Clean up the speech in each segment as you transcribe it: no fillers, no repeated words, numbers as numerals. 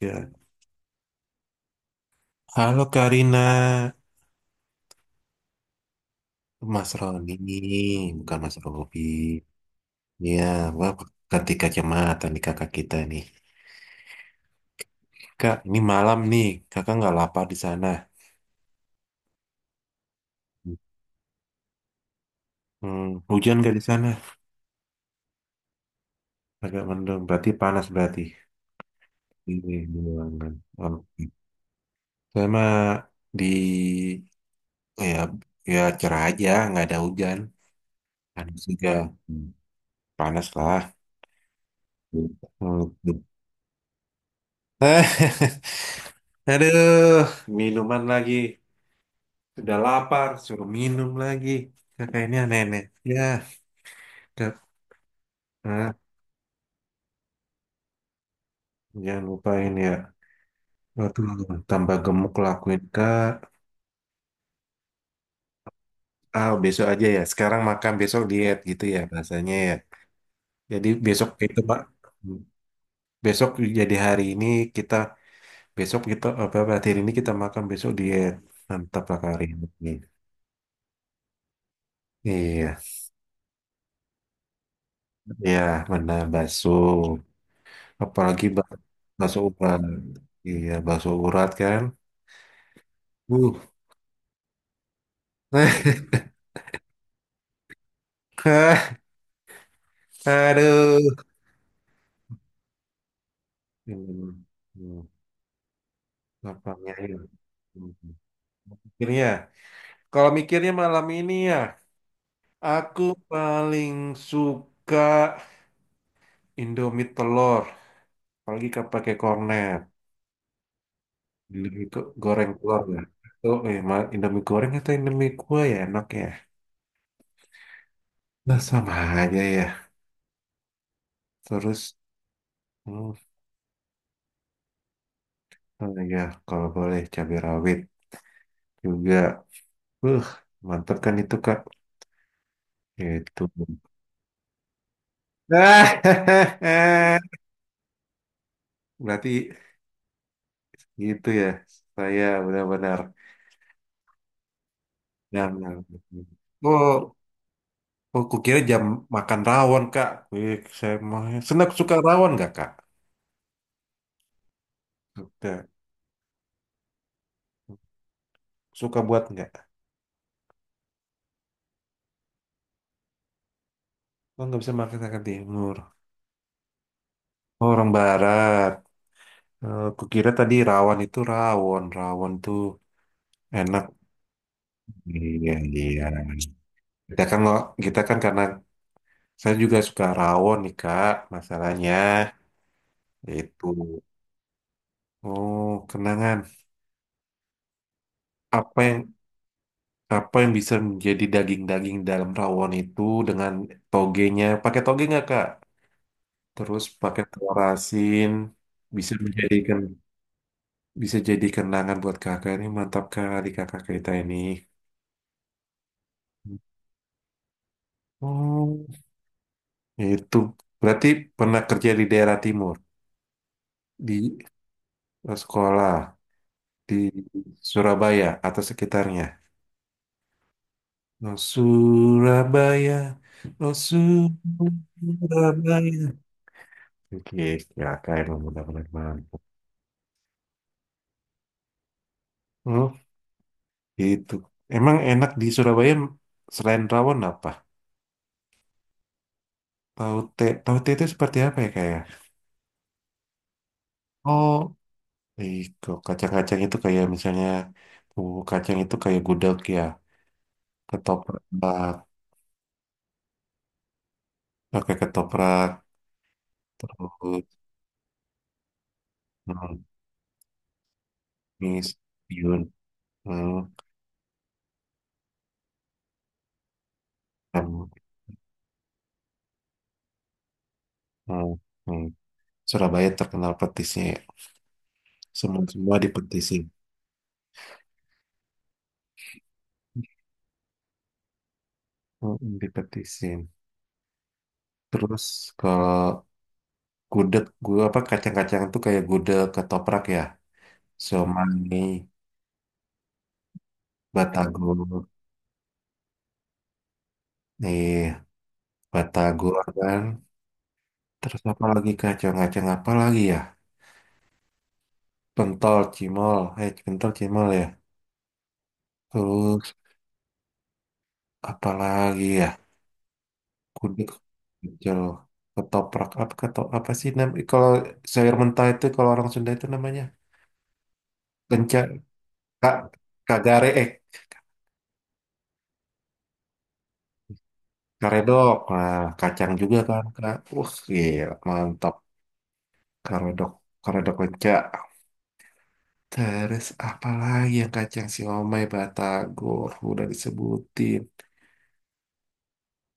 Ya. Halo Karina, Mas Roni, bukan Mas Robi. Ya, wah, ganti kacamata nih kakak kita nih. Kak, ini malam nih, kakak nggak lapar di sana. Hmm, hujan nggak di sana? Agak mendung, berarti panas berarti. Ini di ruangan. Oke. Sama di, oh ya, ya cerah aja, nggak ada hujan. Panas juga. Hmm, Panas lah. Hmm. Aduh, minuman lagi. Udah lapar, suruh minum lagi. Kakaknya nenek. Ya, kak. Nah, jangan lupain ya. Waduh, tambah gemuk lakuin kak. Ah, besok aja ya. Sekarang makan, besok diet gitu ya bahasanya ya. Jadi besok itu Pak. Besok jadi hari ini kita, besok kita, apa, berarti hari ini kita makan, besok diet. Mantap lah Kak, hari ini. Iya, iya benar, bakso. Apalagi bakso urat. Iya, bakso urat kan. Uh. Aduh. Hmm. Hmm. Lapangnya ya. Hmm. Mikirnya. Kalau mikirnya malam ini ya, aku paling suka Indomie telur. Apalagi kalau pakai kornet. Indomie goreng telur ya. Oh, eh, Indomie goreng atau Indomie kuah ya enak ya. Nah sama aja ya. Terus, hmm, oh ya kalau boleh cabai rawit juga. Uh, mantap kan itu Kak. Itu. Berarti gitu ya. Saya benar-benar nah, benar oh, oh, kukira jam makan rawon, Kak. Wih, saya mau senang suka rawon nggak, Kak? Suka, suka buat nggak? Oh, nggak bisa makan makan timur. Oh, orang barat. Eh, kukira tadi rawon itu rawon, rawon tuh enak. Iya, iya. Kita kan nggak, kita kan karena saya juga suka rawon nih, Kak. Masalahnya itu. Oh, kenangan. Apa yang Apa yang bisa menjadi daging-daging dalam rawon itu dengan togenya? Pakai toge nggak, Kak? Terus pakai telur asin bisa menjadikan bisa jadi kenangan buat kakak ini mantap kali kakak kita ini. Oh, itu berarti pernah kerja di daerah timur, di eh, sekolah di Surabaya atau sekitarnya. Oh, Surabaya, oh Surabaya. Oke, kakak emang benar-benar mantap. Oh, gitu. Emang enak di Surabaya selain rawon apa? Taute, taute itu seperti apa ya kayak? Oh, Iko, kacang-kacang itu kayak misalnya bumbu kacang itu kayak gudeg ya, ketoprak, pakai ketoprak, terus hmm, mis, bihun, hmm, hmm, hmm, hmm. Surabaya terkenal petisnya ya. Semua semua dipetisin, dipetisin. Terus kalau gudeg, gua apa kacang-kacang itu kayak gudeg ketoprak ya. Somai, Batagor, eh, Batagor kan. Terus apa lagi kacang-kacang apa lagi ya? Pentol, cimol, eh pentol, cimol ya. Terus apa lagi ya? Kuduk, pecel, ketoprak, apa ketop, apa sih nam? Kalau sayur mentah itu kalau orang Sunda itu namanya kencak, kak, kagare, eh karedok. Nah, kacang juga kan, kak. Wah, gila, mantap. Karedok, karedok kencak. Terus apa lagi yang kacang siomay, batagor, udah disebutin.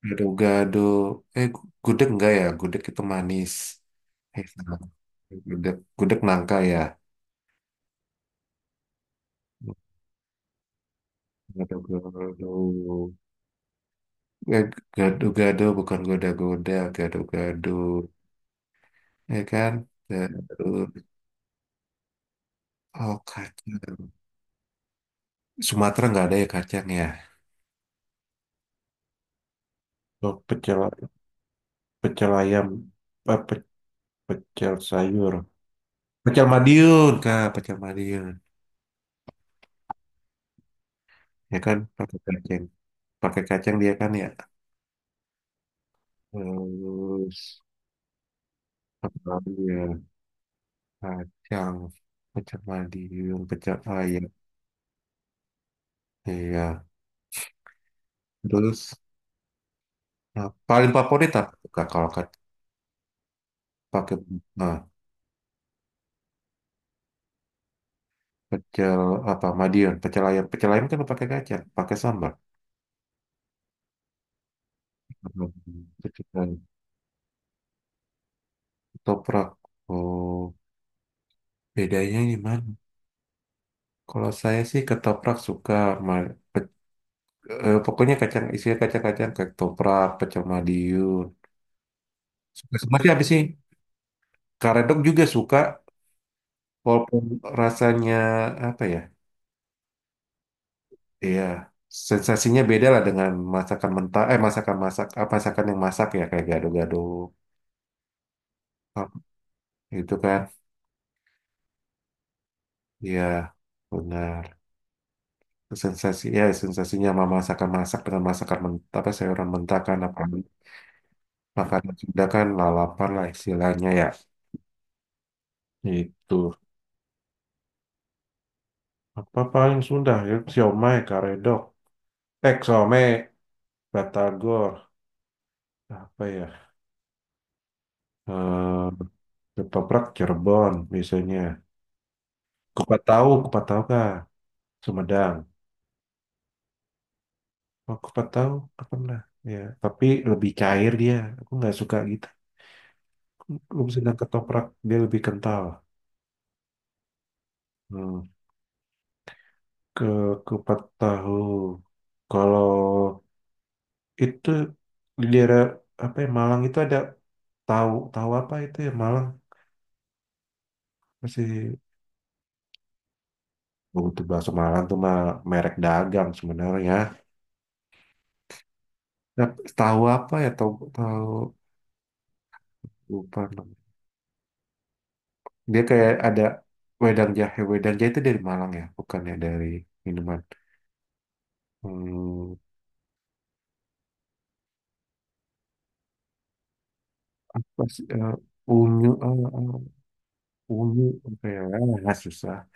Gado-gado. Eh, gudeg enggak ya? Gudeg itu manis. Eh, sama. Gudeg, gudeg nangka ya. Gado-gado. Eh, gado-gado bukan goda-goda, gado-gado. Ya kan? Terus, oh kacang. Sumatera nggak ada ya kacang ya? Oh, pecel, pecel ayam, apa, pecel sayur. Pecel Madiun, Kak. Pecel Madiun. Ya kan pakai kacang dia kan ya, terus apa lagi ya kacang pecel Madiun pecel ayam iya terus nah, paling favorit apa tuh, Kak, kalau pakai nah, pecel apa Madiun pecel ayam kan pakai kacang pakai sambal. Hmm, pecel ayam. Ketoprak oh bedanya gimana kalau saya sih ketoprak suka ma- pe- eh, pokoknya kacang isinya kacang-kacang ketoprak pecel Madiun. Suka sama sih habis sih? Karedok juga suka, walaupun rasanya apa ya? Iya, sensasinya beda lah dengan masakan mentah, eh masakan masak, apa masakan yang masak ya kayak gado-gado apa gitu kan? Iya, benar. Sensasi, ya sensasinya sama masakan masak dengan masakan mentah, apa sayuran mentah kan apa makanan Sunda kan lalapan lah istilahnya ya. Itu apa paling Sunda ya? Siomay, karedok, eh siomay, batagor, apa ya? Eh ketoprak Cirebon biasanya. Kupat tahu kah? Sumedang. Oh, kupat tahu, nggak pernah. Ya, tapi lebih cair dia. Aku nggak suka gitu. Belum sedang ketoprak, dia lebih kental. Hmm. Ke kupat tahu. Kalau itu di daerah apa ya Malang itu ada tahu tahu apa itu ya Malang masih oh, itu bakso Malang tuh mah merek dagang sebenarnya. Nah, tahu apa ya tahu tahu lupa. Dia kayak ada wedang jahe. Wedang jahe itu dari Malang ya, bukan ya dari minuman. Hmm, pas, eh, unyu, eh, eh, unyu, apa ya? Ah, susah.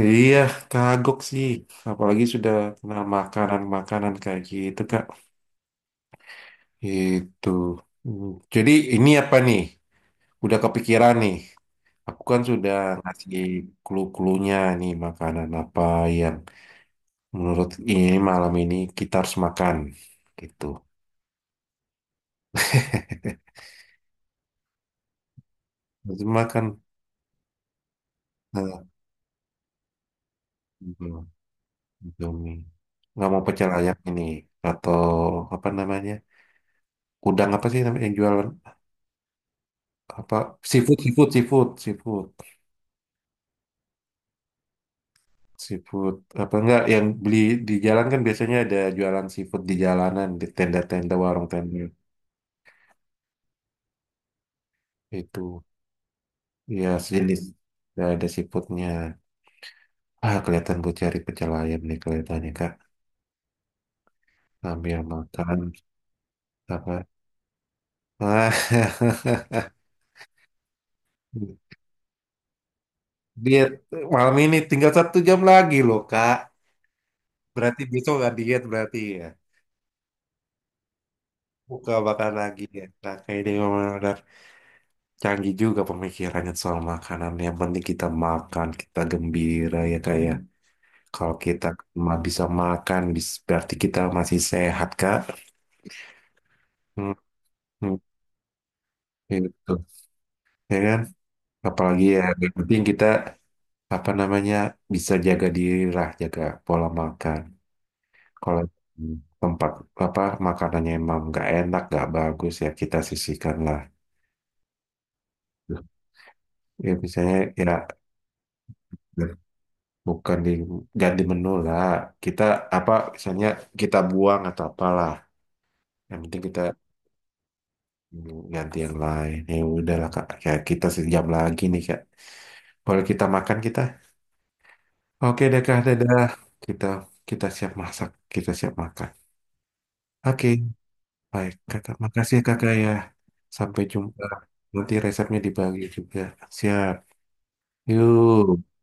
Iya, kagok sih. Apalagi sudah kena makanan-makanan kayak gitu, Kak. Itu. Jadi ini apa nih? Udah kepikiran nih. Aku kan sudah ngasih clue-cluenya nih makanan apa yang menurut ini malam ini kita harus makan. Gitu. Itu makan eh, Indomie. Nggak mau pecel ayam ini atau apa namanya? Udang apa sih namanya yang jualan apa seafood seafood seafood seafood seafood apa enggak yang beli di jalan kan biasanya ada jualan seafood di jalanan di tenda-tenda warung tenda itu ya sejenis ya, ada seafoodnya ah kelihatan gue cari pecel ayam nih kelihatannya kak ambil makan apa ah. Diet malam ini tinggal 1 jam lagi loh, Kak. Berarti besok nggak diet berarti ya. Buka makan lagi ya. Nah, kayak dia memang udah canggih juga pemikirannya soal makanan. Yang penting kita makan, kita gembira ya kayak. Kalau kita cuma bisa makan, berarti kita masih sehat, Kak. Hmm, hmm, gitu. Ya kan? Apalagi ya, yang penting kita apa namanya bisa jaga diri lah, jaga pola makan. Kalau tempat apa makanannya emang nggak enak, nggak bagus ya kita sisihkan lah. Ya misalnya ya bukan di ganti menu lah. Kita apa misalnya kita buang atau apalah. Yang penting kita ganti yang lain. Ya udahlah Kak, kayak kita 1 jam lagi nih Kak. Boleh kita makan kita? Oke deh Kak, dadah. Kita kita siap masak, kita siap makan. Oke, baik Kakak. Makasih ya Kakak ya. Sampai jumpa. Nanti resepnya dibagi juga. Siap. Yuk,